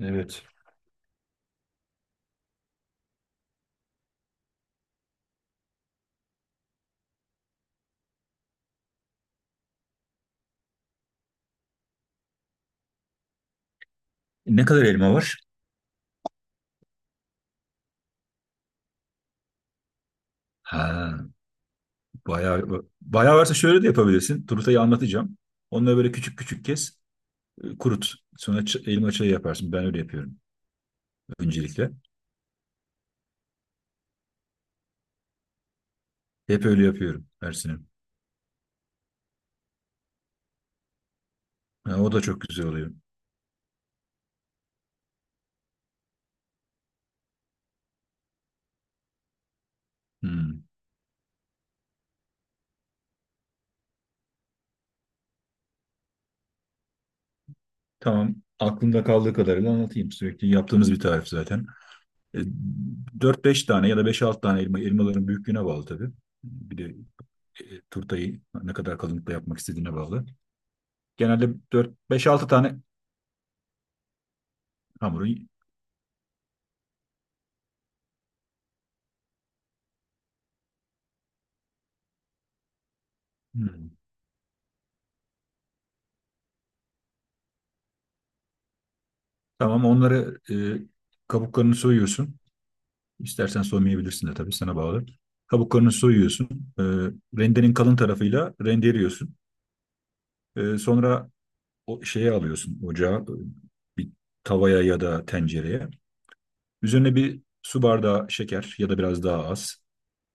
Evet. Ne kadar elma var? Ha, bayağı bayağı varsa şöyle de yapabilirsin. Turutayı anlatacağım. Onları böyle küçük küçük kes, kurut. Sonra elma çayı yaparsın. Ben öyle yapıyorum öncelikle. Hep öyle yapıyorum her sene. Ha, o da çok güzel oluyor. Hmm. Tamam. Aklımda kaldığı kadarıyla anlatayım. Sürekli yaptığımız bir tarif zaten. E, 4-5 tane ya da beş 6 tane elma. Elmaların büyüklüğüne bağlı tabii. Bir de turtayı ne kadar kalınlıkta yapmak istediğine bağlı. Genelde dört beş 6 tane hamuru. Hmm. Tamam onları, kabuklarını soyuyorsun. İstersen soymayabilirsin de tabii sana bağlı. Kabuklarını soyuyorsun. E, Rendenin kalın tarafıyla rendeliyorsun. Sonra o şeye alıyorsun ocağa, bir tavaya ya da tencereye. Üzerine bir su bardağı şeker ya da biraz daha az.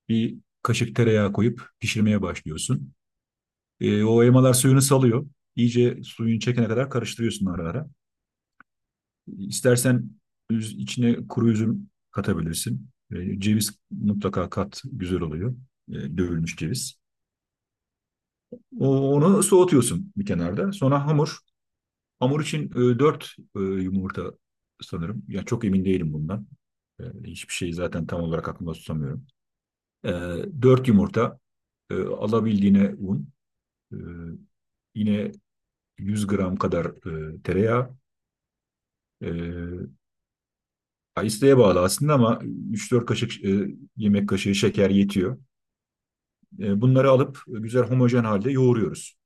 Bir kaşık tereyağı koyup pişirmeye başlıyorsun. O elmalar suyunu salıyor. İyice suyun çekene kadar karıştırıyorsun ara ara. İstersen içine kuru üzüm katabilirsin. Ceviz mutlaka kat, güzel oluyor. Dövülmüş ceviz. Onu soğutuyorsun bir kenarda. Sonra hamur. Hamur için 4 yumurta sanırım. Ya çok emin değilim bundan. Hiçbir şeyi zaten tam olarak aklımda tutamıyorum. E, 4 yumurta, alabildiğine un, e, yine 100 gram kadar tereyağı, e, ya İsteğe bağlı aslında ama üç dört kaşık yemek kaşığı şeker yetiyor. Bunları alıp güzel homojen halde yoğuruyoruz.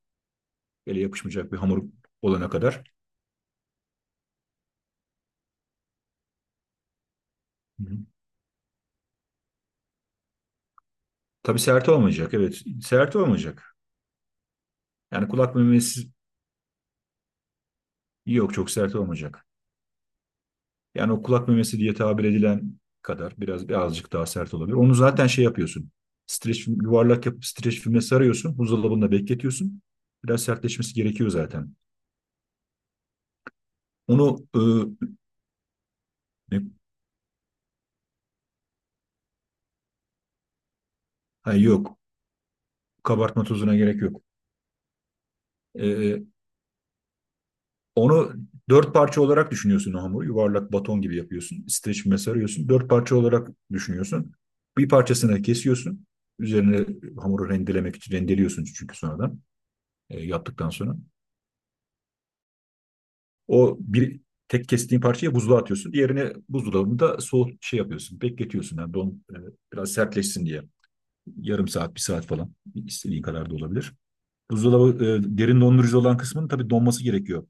Ele yapışmayacak bir hamur olana kadar. Hı hı. Tabii sert olmayacak, evet. Sert olmayacak. Yani kulak memesi yok, çok sert olmayacak. Yani o kulak memesi diye tabir edilen kadar biraz birazcık daha sert olabilir. Onu zaten şey yapıyorsun. Yuvarlak yapıp streç filme sarıyorsun. Buzdolabında bekletiyorsun. Biraz sertleşmesi gerekiyor zaten. Onu e, ne- ha, yok. Kabartma tozuna gerek yok. Ee, Onu dört parça olarak düşünüyorsun o hamuru. Yuvarlak baton gibi yapıyorsun. Streçme sarıyorsun. Dört parça olarak düşünüyorsun. Bir parçasını kesiyorsun. Üzerine hamuru rendelemek için rendeliyorsun çünkü sonradan, yaptıktan sonra. O bir tek kestiğin parçayı buzluğa atıyorsun. Diğerini buzdolabında soğut şey yapıyorsun. Bekletiyorsun. Yani biraz sertleşsin diye. Yarım saat, bir saat falan. İstediğin kadar da olabilir. Buzdolabı, derin dondurucu olan kısmının tabii donması gerekiyor.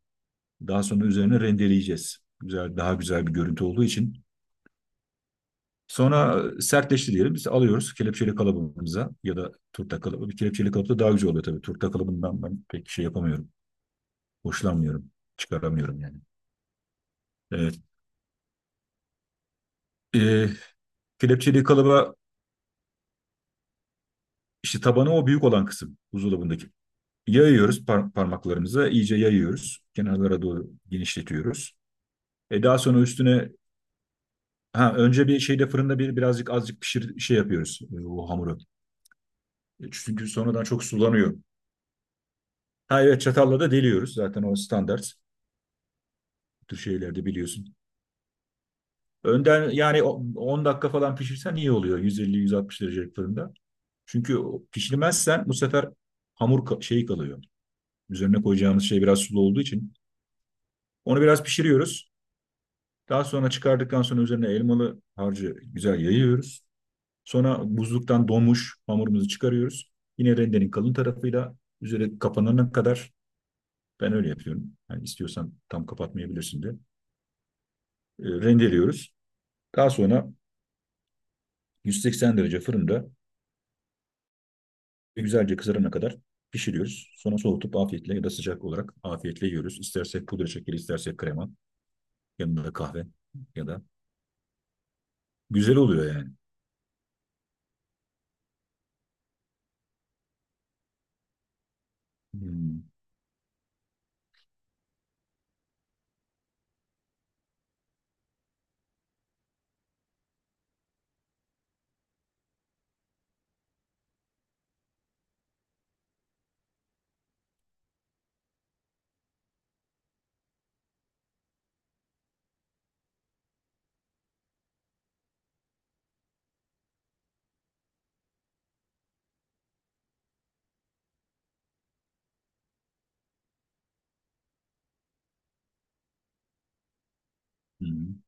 Daha sonra üzerine rendeleyeceğiz. Güzel, daha güzel bir görüntü olduğu için. Sonra, sertleşti diyelim. Biz alıyoruz kelepçeli kalıbımıza ya da turta kalıbı. Bir kelepçeli kalıp da daha güzel oluyor tabii. Turta kalıbından ben pek şey yapamıyorum. Hoşlanmıyorum. Çıkaramıyorum yani. Evet. Ee, Kelepçeli kalıba işte tabanı o büyük olan kısım buzdolabındaki. Yayıyoruz parmaklarımıza. İyice yayıyoruz. Kenarlara doğru genişletiyoruz. Daha sonra üstüne, ha, önce bir şeyde fırında bir birazcık azıcık pişir şey yapıyoruz, o hamuru. Çünkü sonradan çok sulanıyor. Ha, evet, çatalla da deliyoruz zaten o standart bu şeylerde biliyorsun. Önden yani, 10 dakika falan pişirsen iyi oluyor, 150-160 derecelik fırında. Çünkü pişirmezsen bu sefer hamur şey kalıyor. Üzerine koyacağımız şey biraz sulu olduğu için. Onu biraz pişiriyoruz. Daha sonra çıkardıktan sonra üzerine elmalı harcı güzel yayıyoruz. Sonra buzluktan donmuş hamurumuzu çıkarıyoruz. Yine rendenin kalın tarafıyla üzeri kapanana kadar. Ben öyle yapıyorum. Yani istiyorsan tam kapatmayabilirsin de. Rendeliyoruz. Daha sonra 180 derece fırında güzelce kızarana kadar pişiriyoruz. Sonra soğutup afiyetle ya da sıcak olarak afiyetle yiyoruz. İstersek pudra şekeri, istersek krema, yanında da kahve ya da güzel oluyor yani. Hmm, hmm,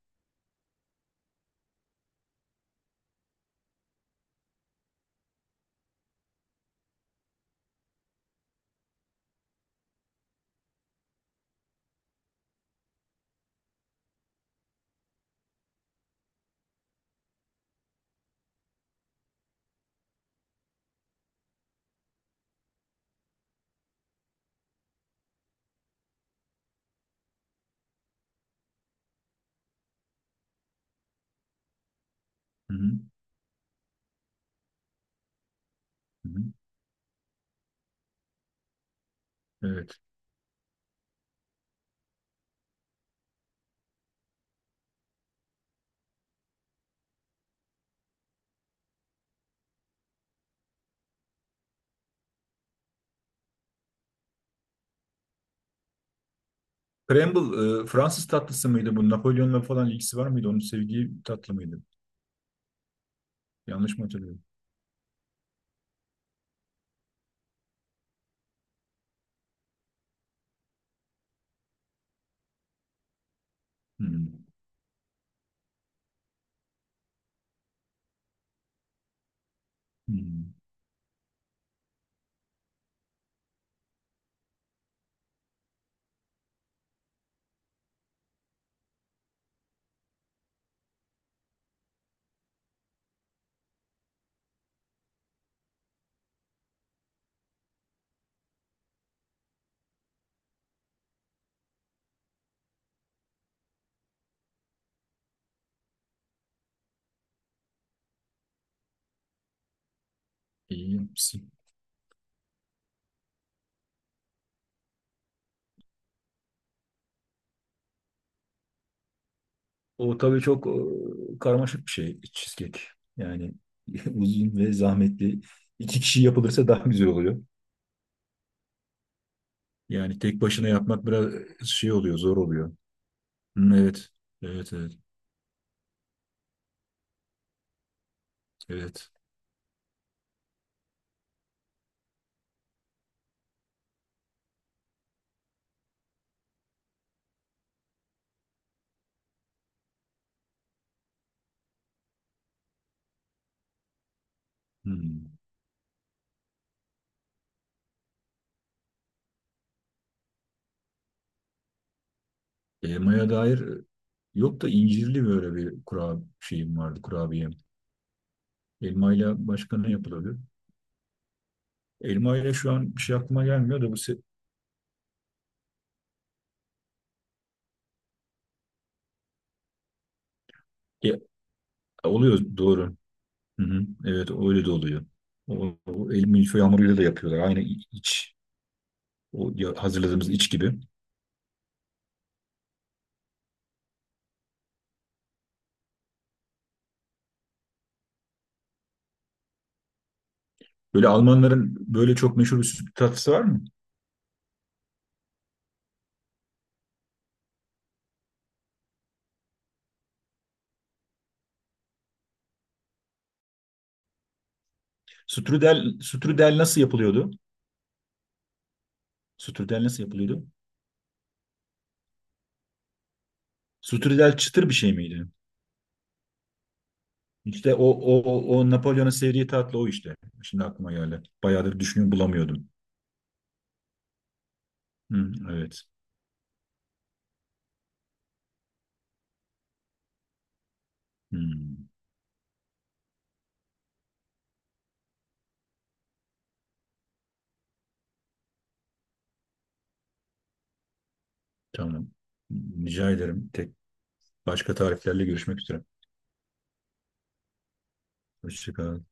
hmm, hmm. Evet. Crumble, Fransız tatlısı mıydı bu? Napolyon'la falan ilgisi var mıydı? Onun sevdiği tatlı mıydı? Yanlış mı hatırlıyorum? Hmm, hmm. İyi. O tabii çok, karmaşık bir şey cheesecake. Yani uzun ve zahmetli. İki kişi yapılırsa daha güzel oluyor. Yani tek başına yapmak biraz, şey oluyor, zor oluyor. Hmm, evet, evet, evet, evet. Hmm. Elmaya dair, yok da incirli böyle bir kura şeyim vardı, kurabiyem. Elmayla başka ne yapılabilir? Elmayla şu an bir şey aklıma gelmiyor da bu e, oluyor doğru. Hı hı, evet öyle de oluyor. O el milföy hamuruyla da yapıyorlar. Aynı iç, hazırladığımız iç gibi. Böyle Almanların böyle çok meşhur bir süt tatlısı var mı? Strudel nasıl yapılıyordu? Strudel nasıl yapılıyordu? Strudel çıtır bir şey miydi? İşte o Napolyon'un sevdiği tatlı o işte. Şimdi aklıma geldi. Bayağıdır düşünüyorum bulamıyordum. Hı, evet. Hı, tamam. Rica ederim. Başka tariflerle görüşmek üzere. Hoşçakalın.